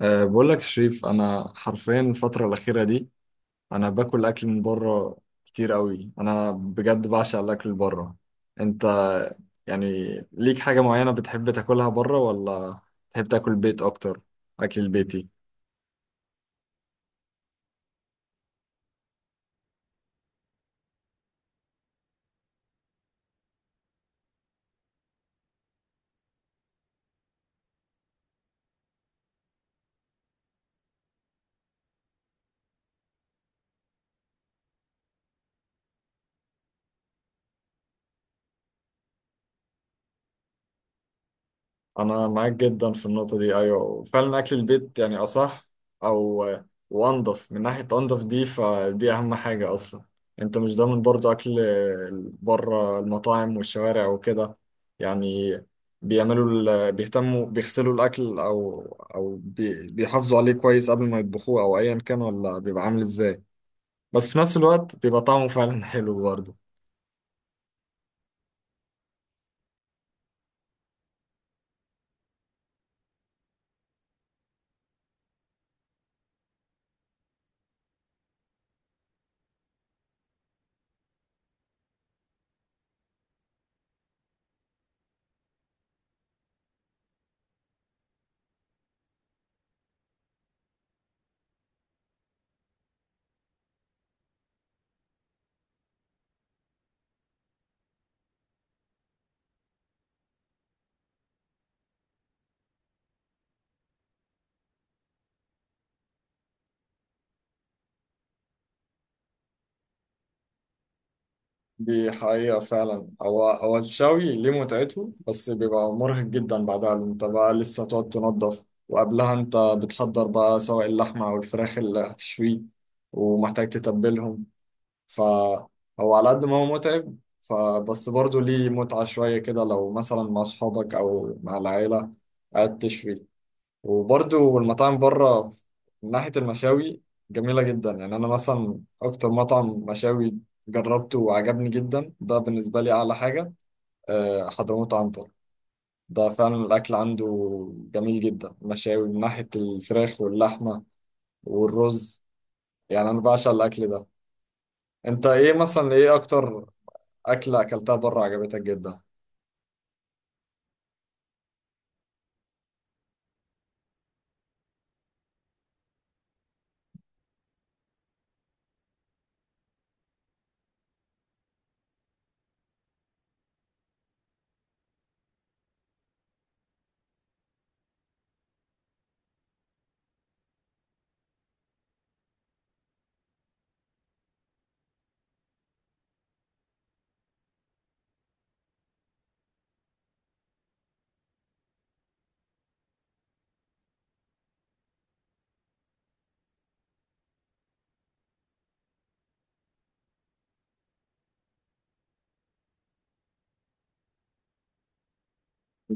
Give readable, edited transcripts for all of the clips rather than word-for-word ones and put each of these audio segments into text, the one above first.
بقول لك شريف، انا حرفيا الفتره الاخيره دي انا باكل اكل من بره كتير قوي. انا بجد بعشق الاكل اللي بره. انت يعني ليك حاجه معينه بتحب تاكلها بره، ولا تحب تاكل بيت اكتر؟ اكل البيتي؟ انا معاك جدا في النقطه دي، ايوه فعلا اكل البيت يعني اصح، او وانضف. من ناحيه انضف دي، فدي اهم حاجه اصلا. انت مش ضامن برضو اكل بره المطاعم والشوارع وكده، يعني بيعملوا، بيهتموا بيغسلوا الاكل، او بيحافظوا عليه كويس قبل ما يطبخوه، او ايا كان ولا بيبقى عامل ازاي. بس في نفس الوقت بيبقى طعمه فعلا حلو برضه. دي حقيقة فعلا. هو الشوي ليه متعته، بس بيبقى مرهق جدا بعدها، لأن انت بقى لسه هتقعد تنظف، وقبلها انت بتحضر بقى سواء اللحمة أو الفراخ اللي هتشويه، ومحتاج تتبلهم. فهو على قد ما هو متعب، فبس برضه ليه متعة شوية كده لو مثلا مع أصحابك أو مع العيلة قاعد تشوي. وبرضو المطاعم بره من ناحية المشاوي جميلة جدا. يعني أنا مثلا أكتر مطعم مشاوي جربته وعجبني جدا ده بالنسبة لي أعلى حاجة، حضرموت عنتر. ده فعلا الأكل عنده جميل جدا، مشاوي من ناحية الفراخ واللحمة والرز. يعني أنا بعشق الأكل ده. أنت إيه مثلا، إيه أكتر أكلة أكلتها بره عجبتك جدا؟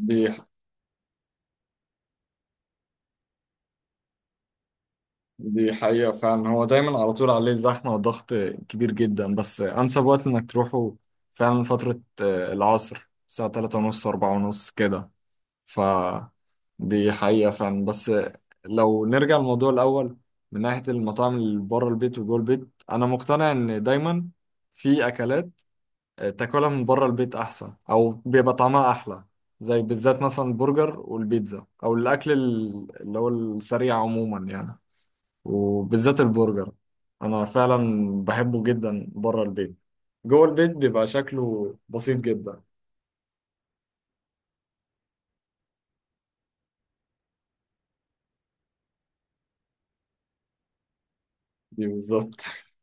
دي دي حقيقة فعلا. هو دايما على طول عليه زحمة وضغط كبير جدا، بس أنسب وقت إنك تروحه فعلا فترة العصر، الساعة 3:30 4:30 كده. ف دي حقيقة فعلا. بس لو نرجع للموضوع الأول، من ناحية المطاعم اللي بره البيت وجوه البيت، أنا مقتنع إن دايما في أكلات تاكلها من بره البيت أحسن، أو بيبقى طعمها أحلى، زي بالذات مثلا البرجر والبيتزا، أو الأكل اللي هو السريع عموما يعني. وبالذات البرجر انا فعلا بحبه جدا بره البيت. جوه البيت بيبقى شكله بسيط جدا. دي بالظبط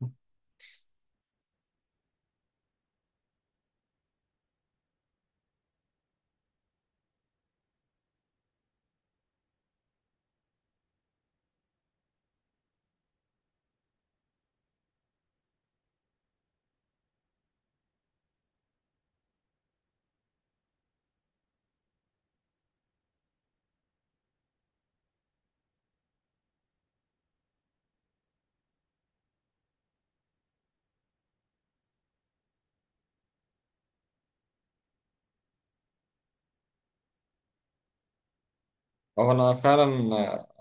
هو انا فعلا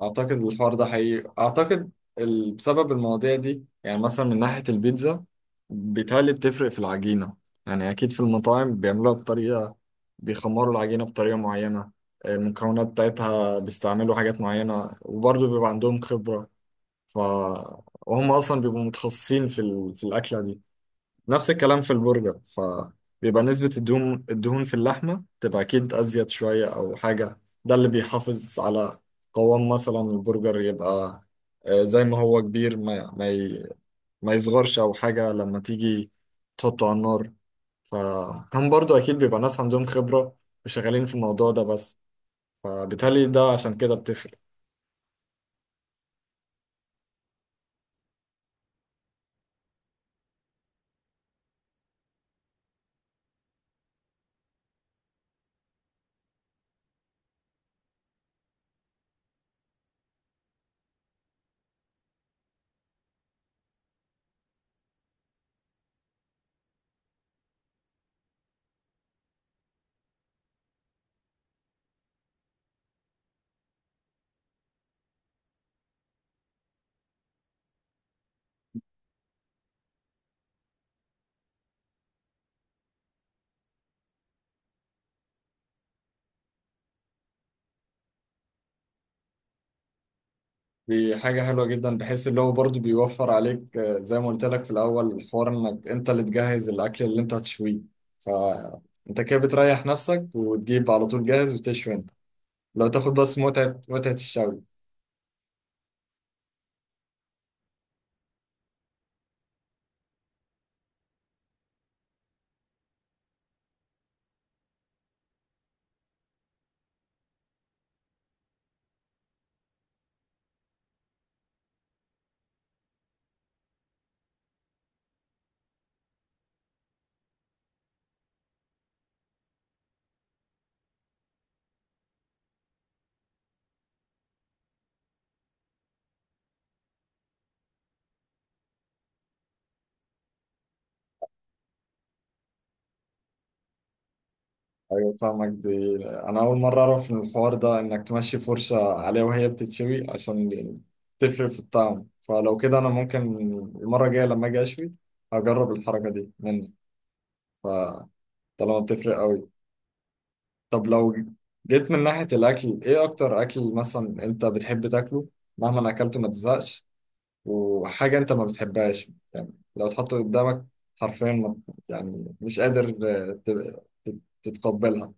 اعتقد الحوار ده حقيقي. اعتقد بسبب المواضيع دي. يعني مثلا من ناحية البيتزا بيتهيألي بتفرق في العجينة. يعني اكيد في المطاعم بيعملوها بطريقة، بيخمروا العجينة بطريقة معينة، المكونات بتاعتها بيستعملوا حاجات معينة، وبرضه بيبقى عندهم خبرة. ف وهم اصلا بيبقوا متخصصين في الاكله دي. نفس الكلام في البرجر. بيبقى نسبة الدهون في اللحمة تبقى أكيد أزيد شوية أو حاجة. ده اللي بيحافظ على قوام مثلا البرجر، يبقى زي ما هو كبير، ما يصغرش أو حاجة لما تيجي تحطه على النار. فهم برضو أكيد بيبقى ناس عندهم خبرة وشغالين في الموضوع ده بس، فبالتالي ده عشان كده بتفرق. دي حاجة حلوة جدا، بحيث اللي هو برضه بيوفر عليك، زي ما قلت لك في الأول الحوار، إنك أنت اللي تجهز الأكل اللي أنت هتشويه، فأنت كده بتريح نفسك وتجيب على طول جاهز وتشوي أنت. لو تاخد بس متعة الشوي. أيوة فاهمك. دي أنا أول مرة أعرف إن الحوار ده، إنك تمشي فرشة عليها وهي بتتشوي عشان تفرق في الطعم. فلو كده أنا ممكن المرة الجاية لما أجي أشوي هجرب الحركة دي منك، فطالما بتفرق أوي. طب لو جيت من ناحية الأكل، إيه أكتر أكل مثلا أنت بتحب تاكله مهما أكلته ما تزهقش، وحاجة أنت ما بتحبهاش يعني لو تحطه قدامك حرفيا ما، يعني مش قادر آه، ت- تتقبلها؟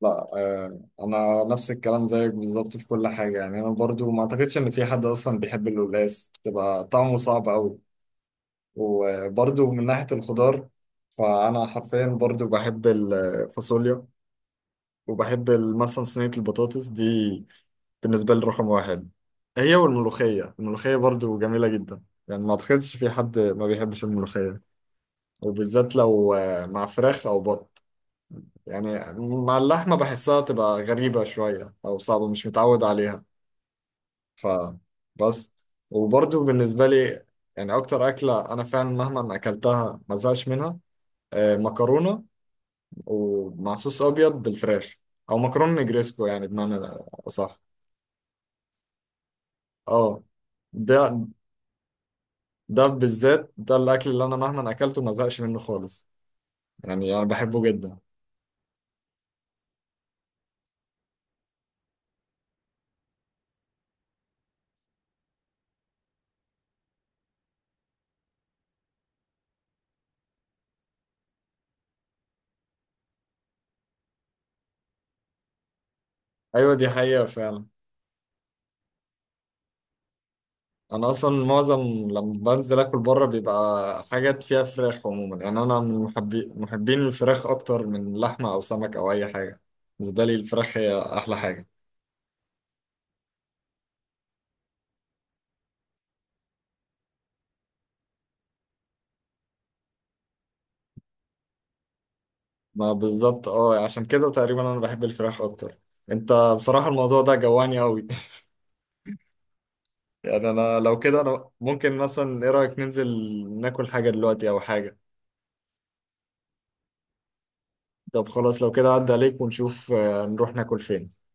لا، أنا نفس الكلام زيك بالظبط في كل حاجة. يعني أنا برضو ما أعتقدش إن في حد أصلا بيحب القلقاس، تبقى طعمه صعب أوي. وبرضو من ناحية الخضار، فأنا حرفيا برضو بحب الفاصوليا، وبحب مثلا صينية البطاطس دي بالنسبة لي رقم واحد، هي والملوخية. الملوخية برضو جميلة جدا، يعني ما أعتقدش في حد ما بيحبش الملوخية، وبالذات لو مع فراخ أو بط. يعني مع اللحمة بحسها تبقى غريبة شوية، أو صعبة مش متعود عليها فبس. وبرضو بالنسبة لي، يعني أكتر أكلة أنا فعلا مهما أكلتها ما زهقش منها مكرونة ومع صوص أبيض بالفراخ، أو مكرونة نجريسكو، يعني بمعنى أصح. اه، ده ده بالذات، ده الاكل اللي انا مهما اكلته ما زهقش منه خالص، يعني انا بحبه جدا. ايوه، دي حقيقة فعلا. انا اصلا معظم لما بنزل اكل بره بيبقى حاجات فيها فراخ عموما. يعني انا من محبين الفراخ اكتر من لحمة او سمك او اي حاجة. بالنسبة لي الفراخ هي احلى حاجة. ما بالظبط، اه، عشان كده تقريبا انا بحب الفراخ اكتر. انت بصراحة الموضوع ده جواني قوي يعني انا لو كده، انا ممكن مثلا، ايه رأيك ننزل ناكل حاجة دلوقتي او حاجة؟ طب خلاص، لو كده عدى عليك ونشوف، نروح ناكل فين.